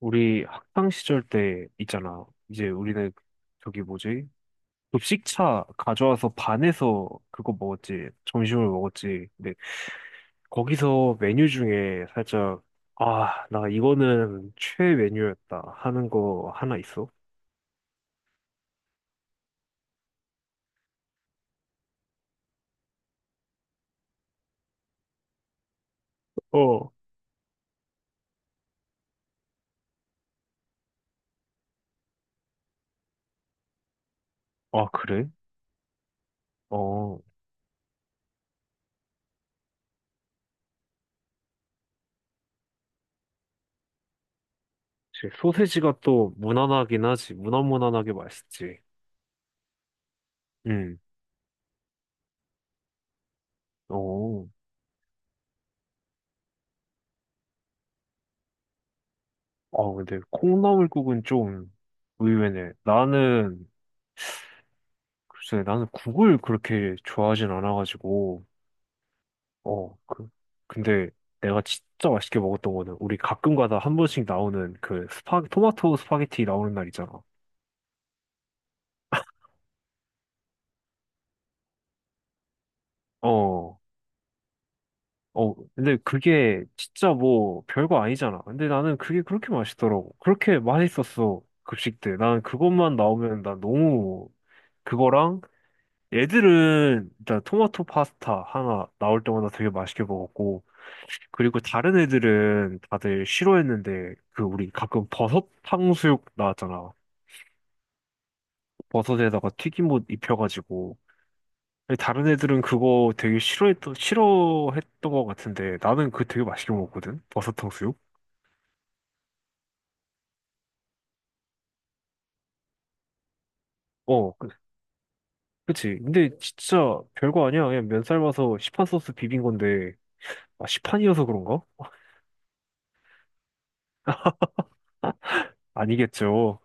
우리 학창 시절 때 있잖아. 이제 우리는 저기 뭐지? 급식차 가져와서 반에서 그거 먹었지. 점심을 먹었지. 근데 거기서 메뉴 중에 살짝 아, 나 이거는 최애 메뉴였다 하는 거 하나 있어? 어. 아, 그래? 어. 이제 소세지가 또 무난하긴 하지. 무난무난하게 맛있지. 음. 어. 아, 근데 콩나물국은 좀 의외네. 나는 글쎄, 나는 국을 그렇게 좋아하진 않아가지고, 어, 그, 근데 내가 진짜 맛있게 먹었던 거는 우리 가끔 가다 한 번씩 나오는 그 토마토 스파게티 나오는 날 있잖아. 어, 어, 근데 그게 진짜 뭐 별거 아니잖아. 근데 나는 그게 그렇게 맛있더라고. 그렇게 맛있었어, 급식 때. 나는 그것만 나오면 난 너무 그거랑 애들은 일단 토마토 파스타 하나 나올 때마다 되게 맛있게 먹었고, 그리고 다른 애들은 다들 싫어했는데, 그 우리 가끔 버섯 탕수육 나왔잖아. 버섯에다가 튀김옷 입혀가지고. 근데 다른 애들은 그거 되게 싫어했던 것 같은데, 나는 그거 되게 맛있게 먹었거든? 버섯 탕수육? 어, 그치. 근데 진짜 별거 아니야. 그냥 면 삶아서 시판 소스 비빈 건데, 아, 시판이어서 그런가? 아니겠죠.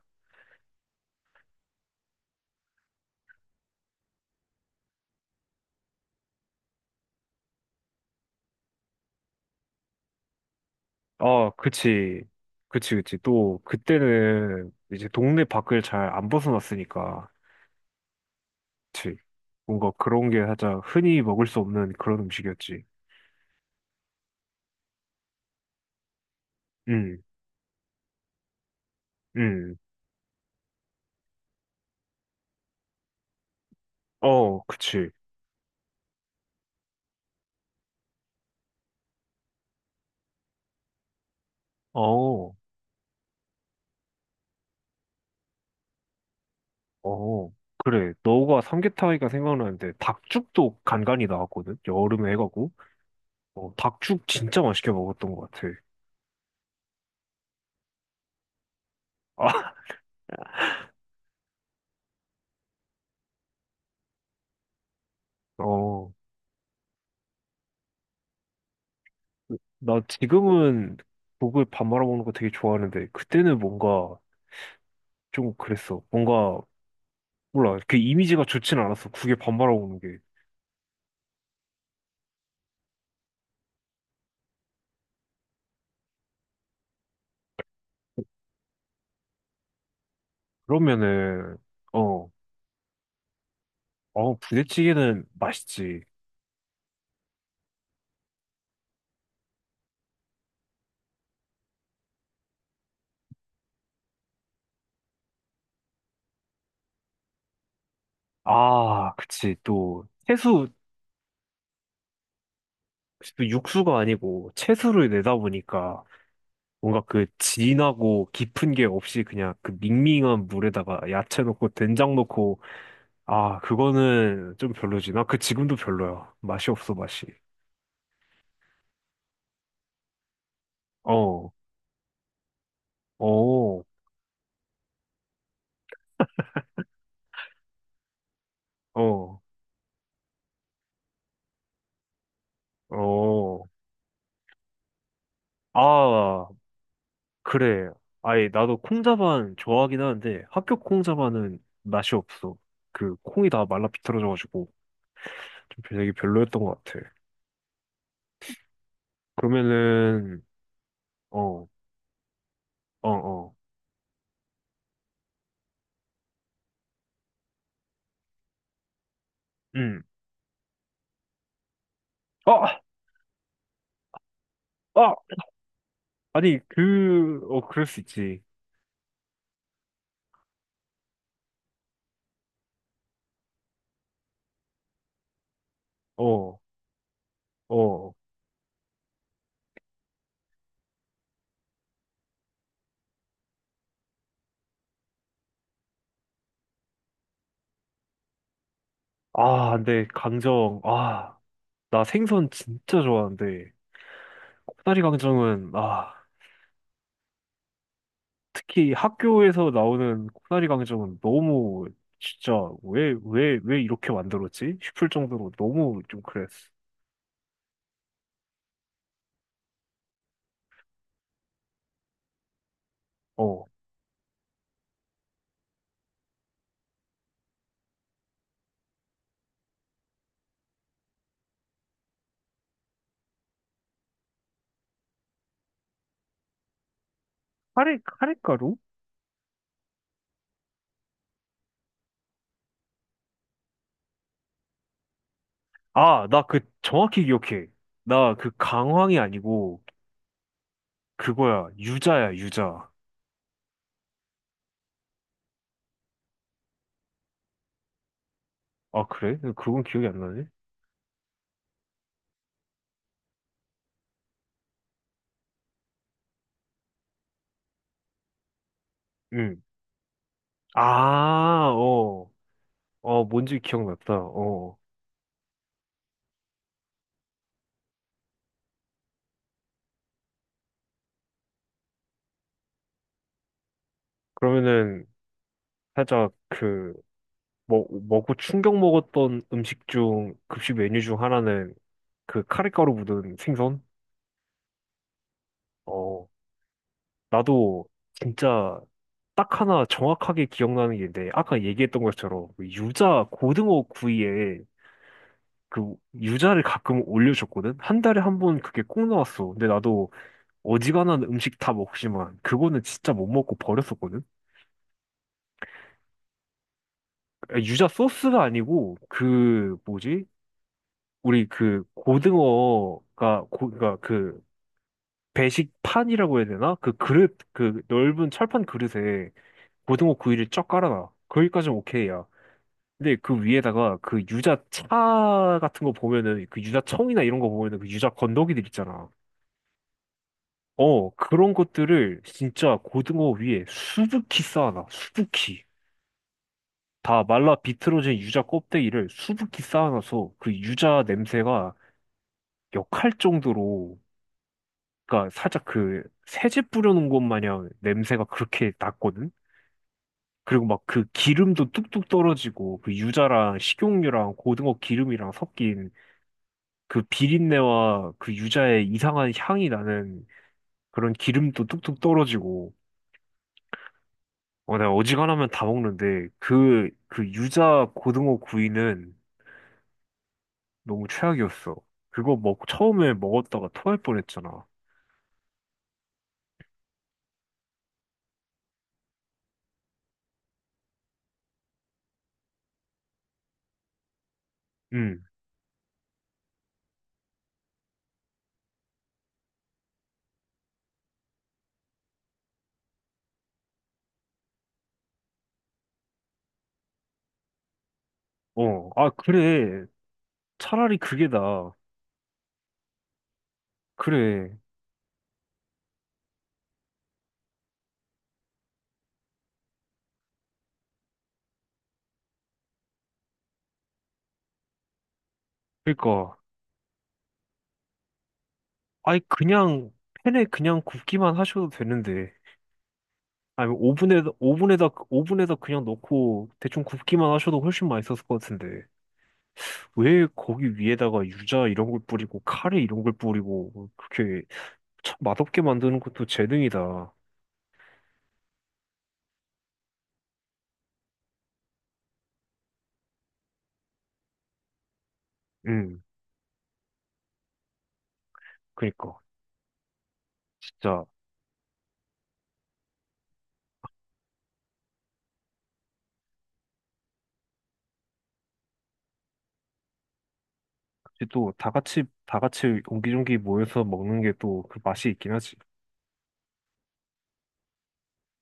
아, 그치. 그치, 그치. 또, 그때는 이제 동네 밖을 잘 안 벗어났으니까. 그치. 뭔가 그런 게 살짝 흔히 먹을 수 없는 그런 음식이었지. 응, 응. 어, 그치. 어, 어. 그래. 너가 삼계탕이니까 생각나는데, 닭죽도 간간히 나왔거든? 여름에 해가고. 어, 닭죽 진짜 맛있게 먹었던 것 같아. 아, 어. 나 지금은 국을 밥 말아 먹는 거 되게 좋아하는데, 그때는 뭔가 좀 그랬어. 뭔가 몰라. 그 이미지가 좋진 않았어. 국에 반발하고 오는 게. 그러면은, 어, 어, 부대찌개는 맛있지. 아, 그치. 또, 채수, 또 육수가 아니고 채수를 내다 보니까 뭔가 그 진하고 깊은 게 없이 그냥 그 밍밍한 물에다가 야채 넣고 된장 넣고, 아, 그거는 좀 별로지. 나 그 지금도 별로야. 맛이 없어, 맛이. 어, 어, 어, 어. 아, 그래. 아니, 나도 콩자반 좋아하긴 하는데 학교 콩자반은 맛이 없어. 그 콩이 다 말라 비틀어져가지고 좀 되게 별로였던 것 같아. 그러면은 어, 어, 어, 음, 아, 아, 아니 그, 어, 그럴 수 있지. 어, 어, 아, 근데 강정, 아, 나 생선 진짜 좋아하는데 코다리 강정은 아. 특히 학교에서 나오는 코나리 강정은 너무 진짜 왜, 왜, 왜 이렇게 만들었지? 싶을 정도로 너무 좀 그랬어. 어. 카레가루? 아, 나 그 정확히 기억해. 나 그 강황이 아니고 그거야. 유자야, 유자. 아, 그래? 그건 기억이 안 나네? 응. 아, 어. 어, 뭔지 기억났다. 어. 그러면은 살짝 그 먹고 충격 먹었던 음식 중, 급식 메뉴 중 하나는 그 카레가루 묻은 생선? 어, 나도 진짜 딱 하나 정확하게 기억나는 게 있는데, 아까 얘기했던 것처럼 그 유자, 고등어 구이에 그 유자를 가끔 올려줬거든? 한 달에 한 번 그게 꼭 나왔어. 근데 나도 어지간한 음식 다 먹지만, 그거는 진짜 못 먹고 버렸었거든? 아, 유자 소스가 아니고, 그, 뭐지? 우리 그 고등어가, 그니까 그 배식판이라고 해야 되나? 그 그릇, 그 넓은 철판 그릇에 고등어 구이를 쫙 깔아놔. 거기까지는 오케이야. 근데 그 위에다가 그 유자차 같은 거 보면은 그 유자청이나 이런 거 보면은 그 유자 건더기들 있잖아. 어, 그런 것들을 진짜 고등어 위에 수북히 쌓아놔. 수북히. 다 말라 비틀어진 유자 껍데기를 수북히 쌓아놔서 그 유자 냄새가 역할 정도로 그러니까 살짝 그 세제 뿌려놓은 것 마냥 냄새가 그렇게 났거든? 그리고 막 그 기름도 뚝뚝 떨어지고 그 유자랑 식용유랑 고등어 기름이랑 섞인 그 비린내와 그 유자의 이상한 향이 나는 그런 기름도 뚝뚝 떨어지고 어, 내가 어지간하면 다 먹는데 그, 그 유자 고등어 구이는 너무 최악이었어. 그거 처음에 먹었다가 토할 뻔했잖아. 응, 어, 아, 그래. 차라리 그게 나. 그래. 그러니까, 아니, 그냥 팬에 그냥 굽기만 하셔도 되는데. 아니, 오븐에다, 오븐에다, 오븐에다 그냥 넣고 대충 굽기만 하셔도 훨씬 맛있었을 것 같은데. 왜 거기 위에다가 유자 이런 걸 뿌리고, 카레 이런 걸 뿌리고, 그렇게 참 맛없게 만드는 것도 재능이다. 음, 그니까. 진짜. 또 다 같이, 다 같이 옹기종기 모여서 먹는 게 또 그 맛이 있긴 하지.